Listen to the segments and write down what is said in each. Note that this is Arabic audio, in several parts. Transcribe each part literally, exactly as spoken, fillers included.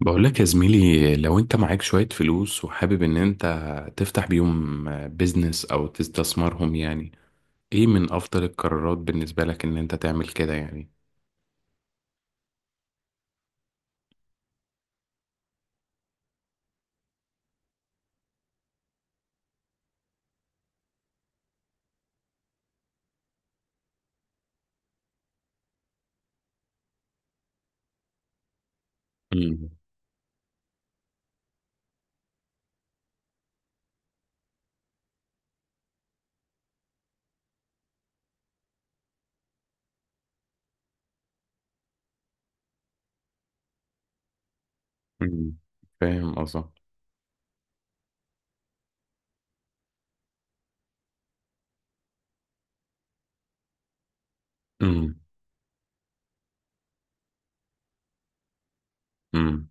بقول لك يا زميلي، لو انت معاك شوية فلوس وحابب ان انت تفتح بيهم بيزنس او تستثمرهم، يعني ايه من افضل القرارات بالنسبة لك ان انت تعمل كده يعني؟ امم، امم. فاهم قصدك. امم، امم.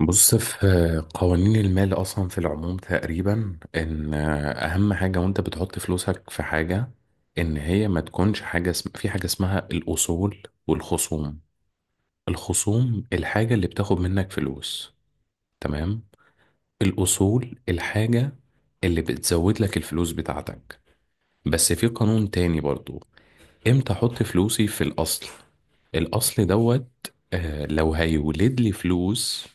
بص، في قوانين المال اصلا في العموم تقريبا، ان اهم حاجة وانت بتحط فلوسك في حاجة، ان هي ما تكونش حاجة اسم... في حاجة اسمها الاصول والخصوم. الخصوم الحاجة اللي بتاخد منك فلوس. تمام. الأصول الحاجة اللي بتزود لك الفلوس بتاعتك. بس في قانون تاني برضو. امتى احط فلوسي في الأصل؟ الأصل دوت. آه، لو هيولد لي فلوس.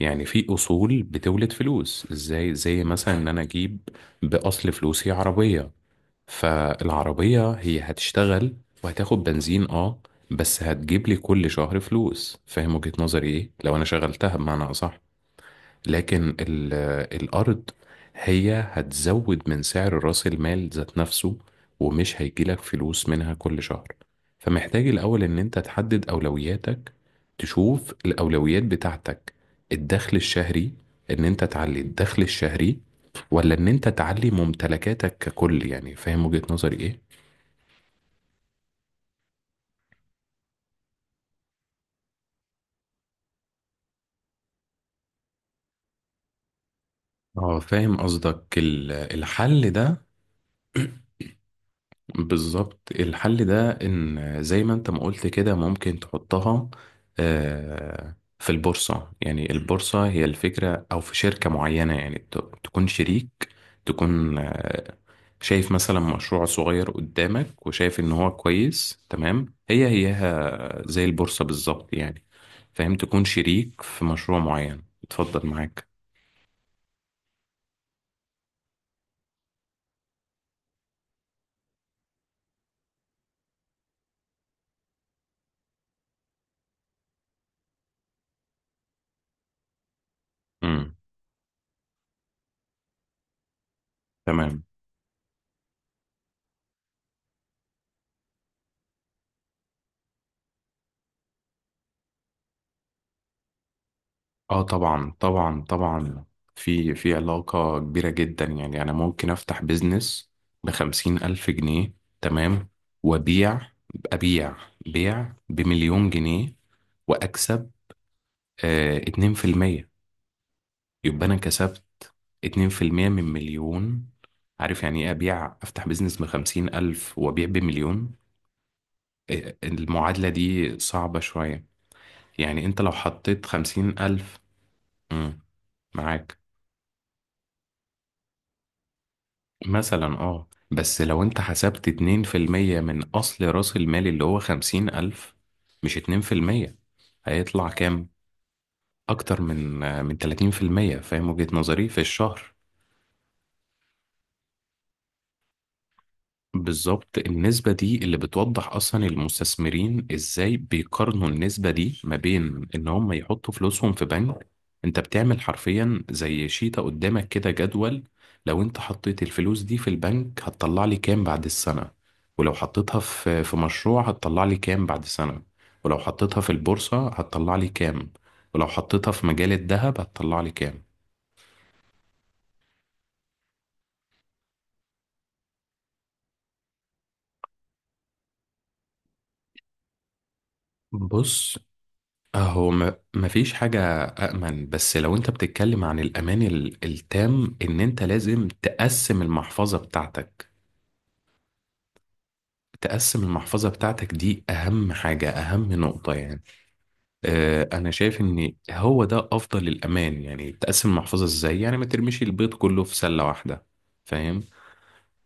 يعني في أصول بتولد فلوس، ازاي؟ زي مثلا إن أنا أجيب بأصل فلوسي عربية، فالعربية هي هتشتغل وهتاخد بنزين. اه، بس هتجيب لي كل شهر فلوس. فاهم وجهة نظري ايه؟ لو أنا شغلتها بمعنى أصح. لكن ال- الأرض هي هتزود من سعر رأس المال ذات نفسه، ومش هيجيلك فلوس منها كل شهر. فمحتاج الأول إن أنت تحدد أولوياتك، تشوف الأولويات بتاعتك. الدخل الشهري، إن أنت تعلي الدخل الشهري، ولا إن أنت تعلي ممتلكاتك ككل؟ يعني فاهم وجهة نظري إيه؟ اه، فاهم قصدك. ال- الحل ده. بالظبط، الحل ده ان زي ما انت ما قلت كده، ممكن تحطها آه، في البورصة. يعني البورصة هي الفكرة، او في شركة معينة يعني ت- تكون شريك، تكون آه، شايف مثلا مشروع صغير قدامك، وشايف ان هو كويس. تمام، هي هيها زي البورصة بالظبط يعني. فاهم، تكون شريك في مشروع معين. اتفضل معاك. امم. تمام. اه، طبعا طبعا طبعا. في في علاقة كبيرة جدا. يعني أنا ممكن أفتح بيزنس بخمسين ألف جنيه، تمام، وأبيع أبيع بيع بمليون جنيه وأكسب آه اتنين في المية. يبقى أنا كسبت اتنين في المية من مليون. عارف يعني إيه؟ أبيع، أفتح بيزنس بخمسين ألف وأبيع بمليون. آه، المعادلة دي صعبة شوية. يعني أنت لو حطيت خمسين ألف، مم، معاك مثلا. اه، بس لو انت حسبت اتنين في المية من اصل راس المال اللي هو خمسين الف، مش اتنين في المية، هيطلع كام؟ اكتر من من ثلاثين في المئة، فاهم وجهة نظري؟ في الشهر. بالظبط، النسبة دي اللي بتوضح أصلا المستثمرين إزاي بيقارنوا النسبة دي ما بين إن هم يحطوا فلوسهم في بنك. أنت بتعمل حرفيا زي شيطة قدامك كده، جدول. لو أنت حطيت الفلوس دي في البنك هتطلع لي كام بعد السنة؟ ولو حطيتها في في مشروع هتطلع لي كام بعد سنة؟ ولو حطيتها في البورصة هتطلع لي كام؟ ولو حطيتها في مجال الذهب هتطلع لي كام؟ بص، هو ما مفيش حاجة أأمن. بس لو أنت بتتكلم عن الأمان ال- التام، إن أنت لازم تقسم المحفظة بتاعتك. تقسم المحفظة بتاعتك دي أهم حاجة، أهم نقطة يعني. آه أنا شايف إن هو ده أفضل الأمان. يعني تقسم المحفظة إزاي؟ يعني ما ترميش البيض كله في سلة واحدة. فاهم؟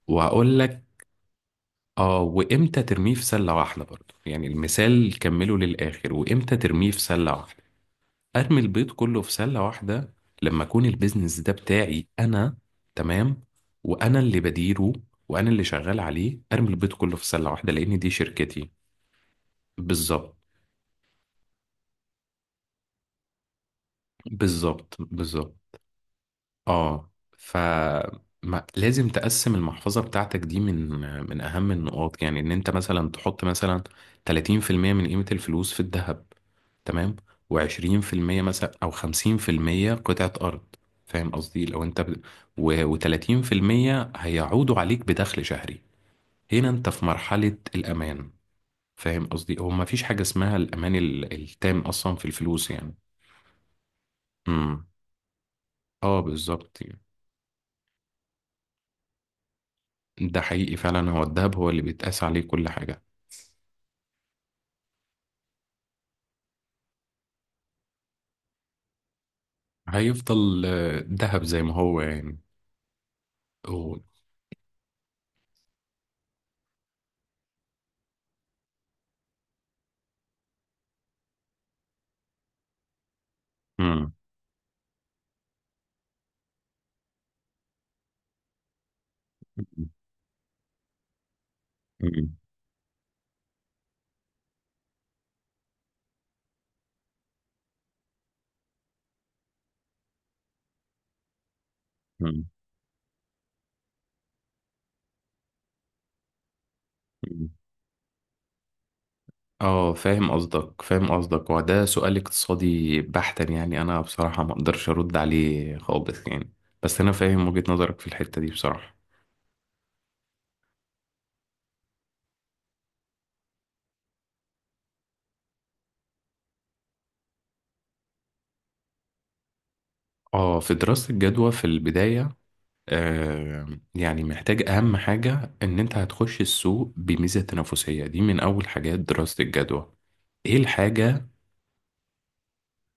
وهقول لك آه وإمتى ترميه في سلة واحدة برضه، يعني المثال كمله للآخر، وإمتى ترميه في سلة واحدة؟ ارمي البيض كله في سله واحده لما اكون البيزنس ده بتاعي انا. تمام، وانا اللي بديره وانا اللي شغال عليه. ارمي البيض كله في سله واحده لان دي شركتي. بالظبط، بالظبط، بالظبط. اه. ف ما- لازم تقسم المحفظة بتاعتك دي، من من أهم النقاط يعني. إن أنت مثلا تحط مثلا تلاتين في المية من قيمة الفلوس في الذهب، تمام، و20% مثلا أو خمسين في المية قطعة أرض. فاهم قصدي؟ لو أنت ب... و... و30% هيعودوا عليك بدخل شهري، هنا أنت في مرحلة الأمان. فاهم قصدي؟ هو مفيش حاجة اسمها الأمان ال- التام أصلا في الفلوس يعني. امم. اه، بالظبط. ده حقيقي فعلا، هو الذهب هو اللي بيتقاس عليه كل حاجة. هيفضل آه، ذهب زي ما هو يعني. و... مم. مم. مم. مم. اه، فاهم قصدك، فاهم قصدك. وده سؤال اقتصادي بحتا، يعني انا بصراحة ما اقدرش ارد عليه خالص يعني. بس انا فاهم وجهة نظرك في الحتة دي بصراحة. اه، في دراسة الجدوى في البداية، آه يعني محتاج اهم حاجة، ان انت هتخش السوق بميزة تنافسية. دي من اول حاجات دراسة الجدوى. ايه الحاجة؟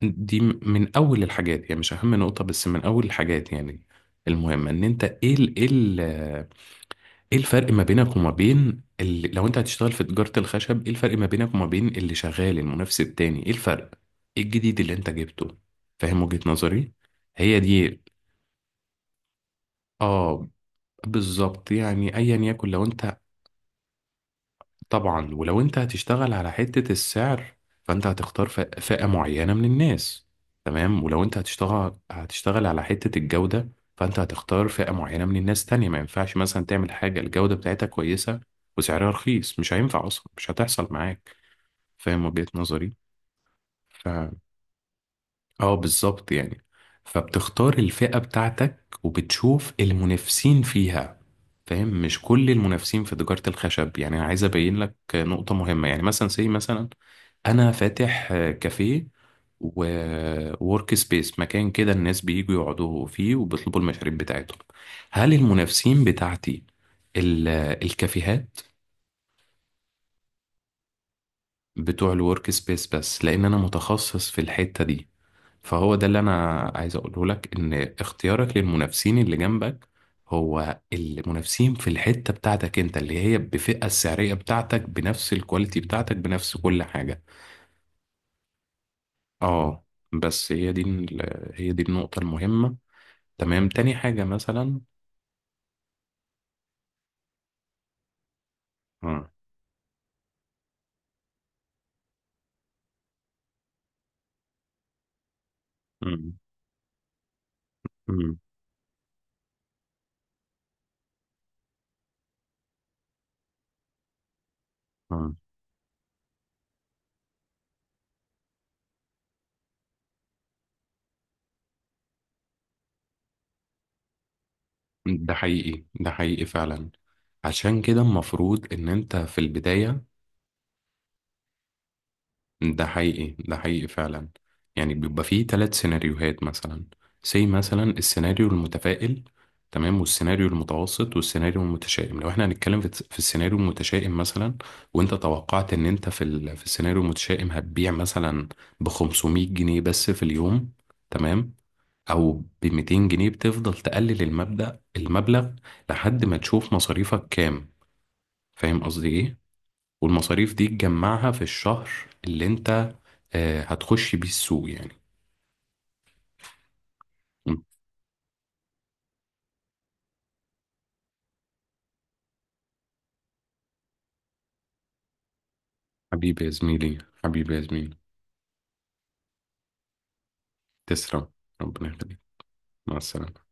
دي م- من اول الحاجات، يعني مش اهم نقطة، بس من اول الحاجات يعني المهمة. ان انت ايه ال ايه ال ايه الفرق ما بينك وما بين اللي، لو انت هتشتغل في تجارة الخشب ايه الفرق ما بينك وما بين اللي شغال المنافس التاني؟ ايه الفرق؟ ايه الجديد اللي انت جبته؟ فاهم وجهة نظري؟ هي دي. اه، بالظبط يعني، ايا يكن لو انت. طبعا، ولو انت هتشتغل على حتة السعر، فانت هتختار ف- فئة معينة من الناس. تمام، ولو انت هتشتغل هتشتغل على حتة الجودة، فانت هتختار فئة معينة من الناس تانية. ما ينفعش مثلا تعمل حاجة الجودة بتاعتها كويسة وسعرها رخيص، مش هينفع اصلا، مش هتحصل معاك. فاهم وجهة نظري؟ اه، بالظبط يعني. فبتختار الفئة بتاعتك، وبتشوف المنافسين فيها. فاهم؟ مش كل المنافسين في تجارة الخشب. يعني انا عايز ابين لك نقطة مهمة، يعني مثلا، زي مثلا. انا فاتح آه، كافيه، وورك سبيس، مكان كده الناس بييجوا يقعدوا فيه وبيطلبوا المشاريب بتاعتهم. هل المنافسين بتاعتي ال- الكافيهات؟ بتوع الورك سبيس، بس لان انا متخصص في الحتة دي. فهو ده اللي انا عايز اقوله لك، ان اختيارك للمنافسين اللي جنبك، هو المنافسين في الحتة بتاعتك انت، اللي هي بفئة السعرية بتاعتك، بنفس الكواليتي بتاعتك، بنفس كل حاجة. اه، بس هي دي ال- هي دي النقطة المهمة. تمام، تاني حاجة مثلا. اه. مم. مم. اه، ده حقيقي، ده حقيقي فعلا. عشان كده المفروض ان انت في البداية. ده حقيقي، ده حقيقي فعلا. يعني بيبقى فيه ثلاث سيناريوهات، مثلا سي مثلا السيناريو المتفائل. تمام، والسيناريو المتوسط، والسيناريو المتشائم. لو احنا هنتكلم في في السيناريو المتشائم مثلا، وانت توقعت ان انت في ال... في السيناريو المتشائم هتبيع مثلا ب خمسمائة جنيه بس في اليوم. تمام، او ب ميتين جنيه. بتفضل تقلل المبدأ المبلغ لحد ما تشوف مصاريفك كام. فاهم قصدي ايه؟ والمصاريف دي تجمعها في الشهر اللي انت آه، هتخش بيه السوق يعني. حبيبي يا زميلي، حبيبي يا زميلي. تسلم، ربنا يخليك. مع السلامة.